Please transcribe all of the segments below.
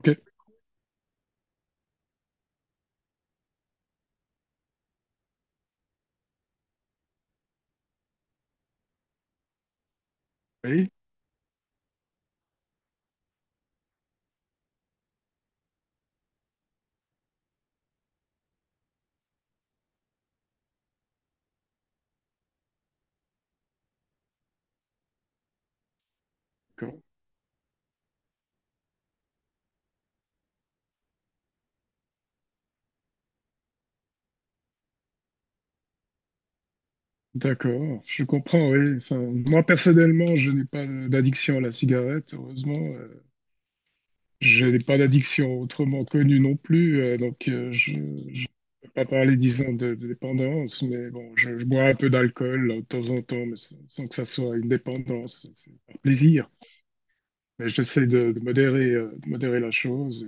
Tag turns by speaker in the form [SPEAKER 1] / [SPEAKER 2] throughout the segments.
[SPEAKER 1] Ok. Oui, d'accord. D'accord, je comprends, oui. Enfin, moi, personnellement, je n'ai pas d'addiction à la cigarette, heureusement. Je n'ai pas d'addiction autrement connue non plus. Donc, je ne peux pas parler, disons, de dépendance, mais bon, je bois un peu d'alcool là, de temps en temps, mais sans que ça soit une dépendance. C'est un plaisir. Mais j'essaie de modérer la chose.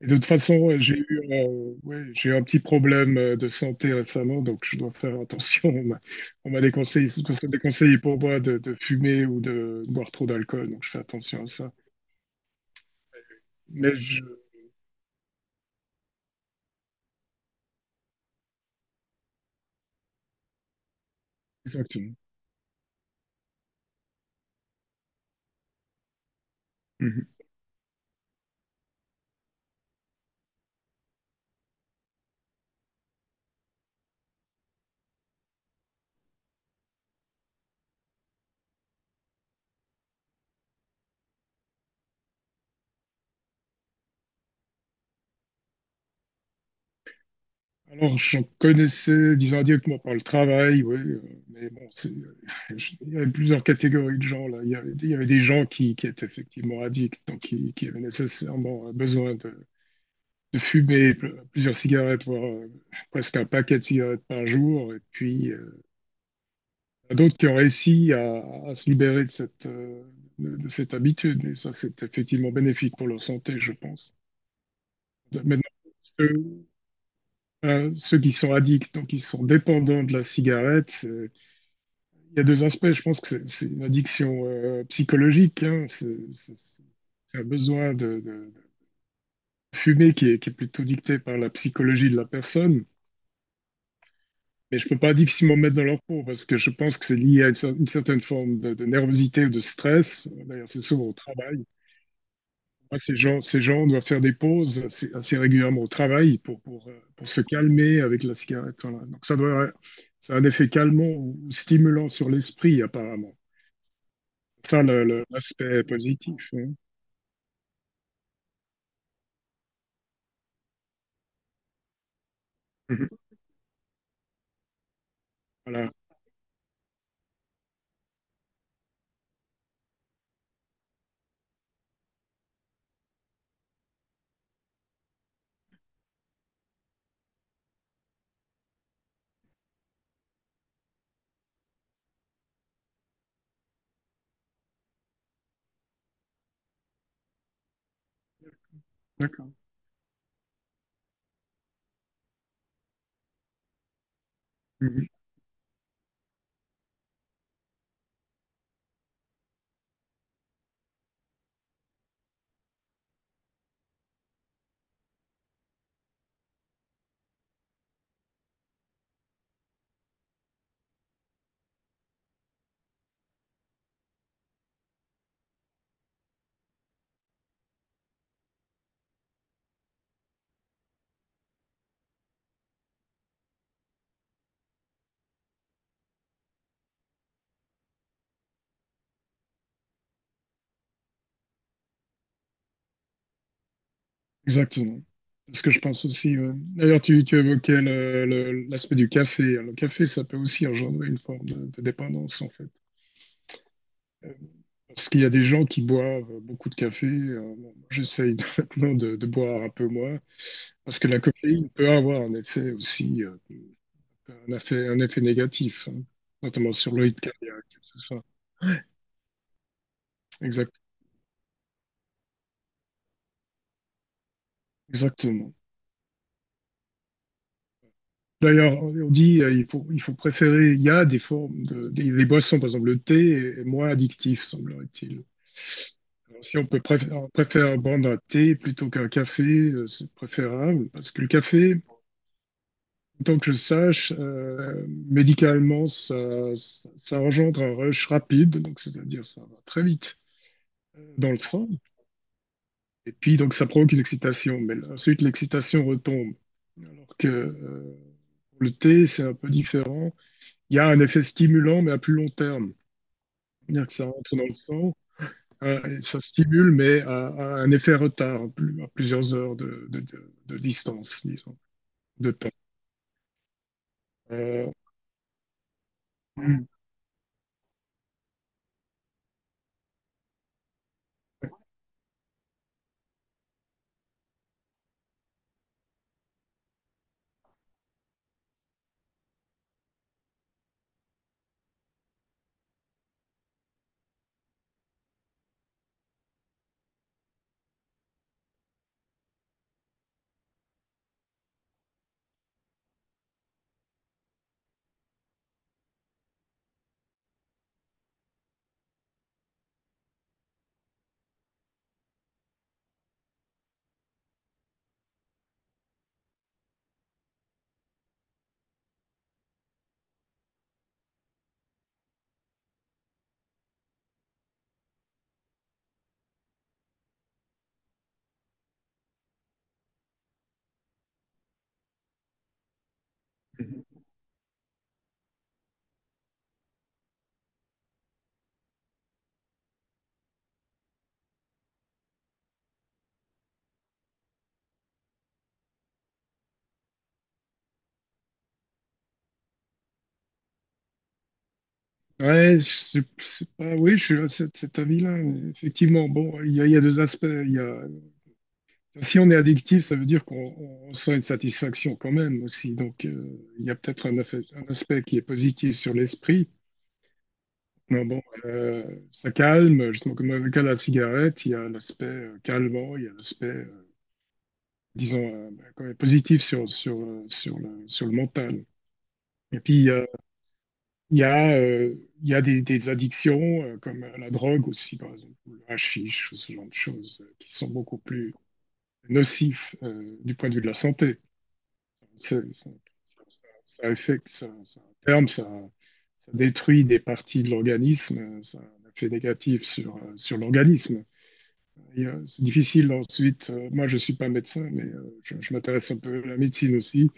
[SPEAKER 1] Et de toute façon, j'ai eu un petit problème de santé récemment, donc je dois faire attention. On m'a déconseillé, surtout ça déconseille pour moi de fumer ou de boire trop d'alcool, donc je fais attention à ça. Mais je... Exactement. Mhm. Alors, j'en connaissais, disons, directement par le travail, oui, mais bon, il y avait plusieurs catégories de gens, là. Il y avait des gens qui étaient effectivement addicts, donc qui avaient nécessairement besoin de fumer plusieurs cigarettes, voire presque un paquet de cigarettes par jour. Et puis, il y en a d'autres qui ont réussi à se libérer de de cette habitude. Et ça, c'est effectivement bénéfique pour leur santé, je pense. Maintenant, ceux, ceux qui sont addicts, donc qui sont dépendants de la cigarette, il y a deux aspects. Je pense que c'est une addiction psychologique, hein. C'est un besoin de fumer qui est plutôt dicté par la psychologie de la personne. Mais je peux pas difficilement me mettre dans leur peau parce que je pense que c'est lié à une certaine forme de nervosité ou de stress. D'ailleurs, c'est souvent au travail. Moi, ces gens doivent faire des pauses assez régulièrement au travail pour se calmer avec la cigarette. Voilà. Ça a un effet calmant ou stimulant sur l'esprit, apparemment. Ça, l'aspect positif, hein. Mhm. Voilà. D'accord. Mhm. Exactement. C'est ce que je pense aussi, ouais. D'ailleurs, tu évoquais l'aspect du café, hein. Le café, ça peut aussi engendrer une forme de dépendance, en fait. Euh, Parce qu'il y a des gens qui boivent beaucoup de café. Bon, maintenant de boire un peu moins, parce que la caféine peut avoir un effet aussi, un un effet négatif, hein, notamment sur le rythme cardiaque, tout ça. Exact, exactement. D'ailleurs, on dit il faut préférer, il y a des formes les boissons, par exemple le thé est moins addictif, semblerait-il. Alors, si on peut on préfère prendre un thé plutôt qu'un café, c'est préférable, parce que le café, tant que je sache, médicalement, ça engendre un rush rapide, donc c'est-à-dire ça va très vite dans le sang, et puis donc ça provoque une excitation, mais ensuite l'excitation retombe. Alors que le thé, c'est un peu différent. Il y a un effet stimulant, mais à plus long terme. C'est-à-dire que ça rentre dans le sang, et ça stimule, mais à un effet retard, à plusieurs heures de distance, disons, de temps. Euh, mm. ouais, je sais- c'est pas, oui, je suis à cet avis-là. Effectivement, bon, il y a deux aspects. Il y a, si on est addictif, ça veut dire qu'on on ressent une satisfaction quand même aussi. Donc, il y a peut-être un aspect qui est positif sur l'esprit. Mais bon, ça calme, justement, comme avec la cigarette, il y a l'aspect calmant, il y a l'aspect, ben, quand même positif sur le mental. Et puis, il y a, euh, il y a des addictions, comme la drogue aussi, par exemple, ou le hashish, ou ce genre de choses, qui sont beaucoup plus nocifs du point de vue de la santé. C'est- c'est- ça, ça affecte, ça détruit des parties de l'organisme, ça a un effet négatif sur, sur l'organisme. Et, c'est difficile ensuite. Moi, je suis pas médecin, mais je m'intéresse un peu à la médecine aussi.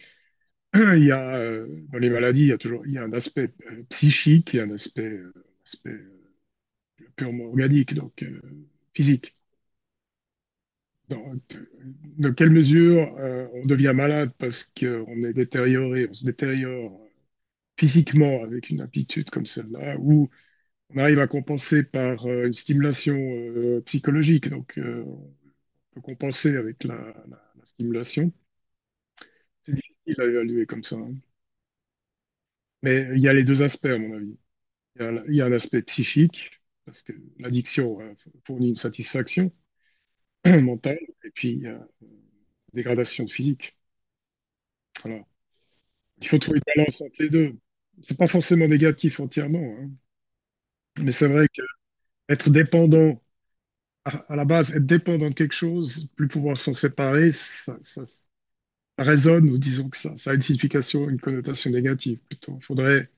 [SPEAKER 1] Dans les maladies, il y a un aspect psychique et un aspect, aspect, euh, purement organique, donc physique. Dans, dans quelle mesure on devient malade parce qu'on est détérioré, on se détériore physiquement avec une aptitude comme celle-là, ou on arrive à compenser par une stimulation psychologique, donc on peut compenser avec la stimulation. C'est difficile à évaluer comme ça, hein. Mais il y a les deux aspects, à mon avis. Il y a un aspect psychique, parce que l'addiction fournit une satisfaction mentale, et puis il y a une dégradation de physique. Voilà. Il faut trouver une balance entre les deux. C'est pas forcément négatif entièrement, hein. Mais c'est vrai qu'être dépendant, à la base, être dépendant de quelque chose, plus pouvoir s'en séparer, ça résonne, ou disons que ça a une signification, une connotation négative plutôt. Faudrait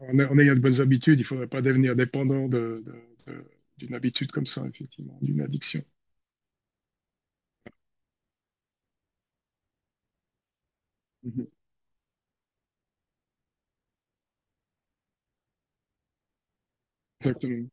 [SPEAKER 1] en, en ayant de bonnes habitudes, il ne faudrait pas devenir dépendant d'une habitude comme ça, effectivement, d'une addiction. Mhm. Exactement.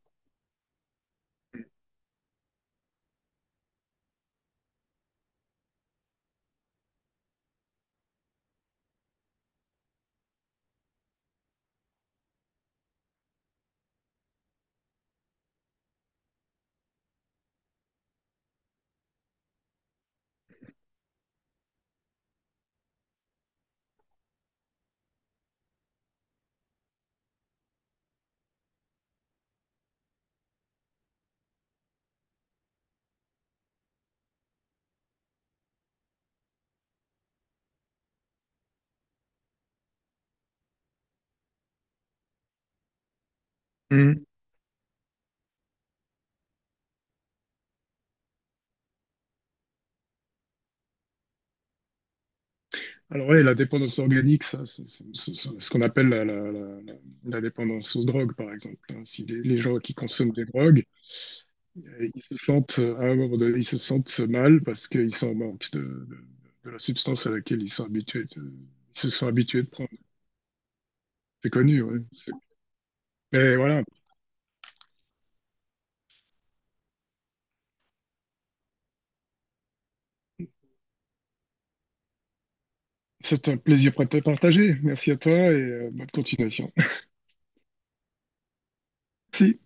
[SPEAKER 1] Mhm. Alors oui, la dépendance organique, ça, c'est ce qu'on appelle la dépendance aux drogues, par exemple, hein. Si les gens qui consomment des drogues, ils se sentent à un moment donné, ils se sentent mal parce qu'ils sont en manque de la substance à laquelle ils sont habitués, ils se sont habitués de prendre. C'est connu, oui. Mais voilà, c'est un plaisir partagé. Merci à toi et bonne continuation. Si,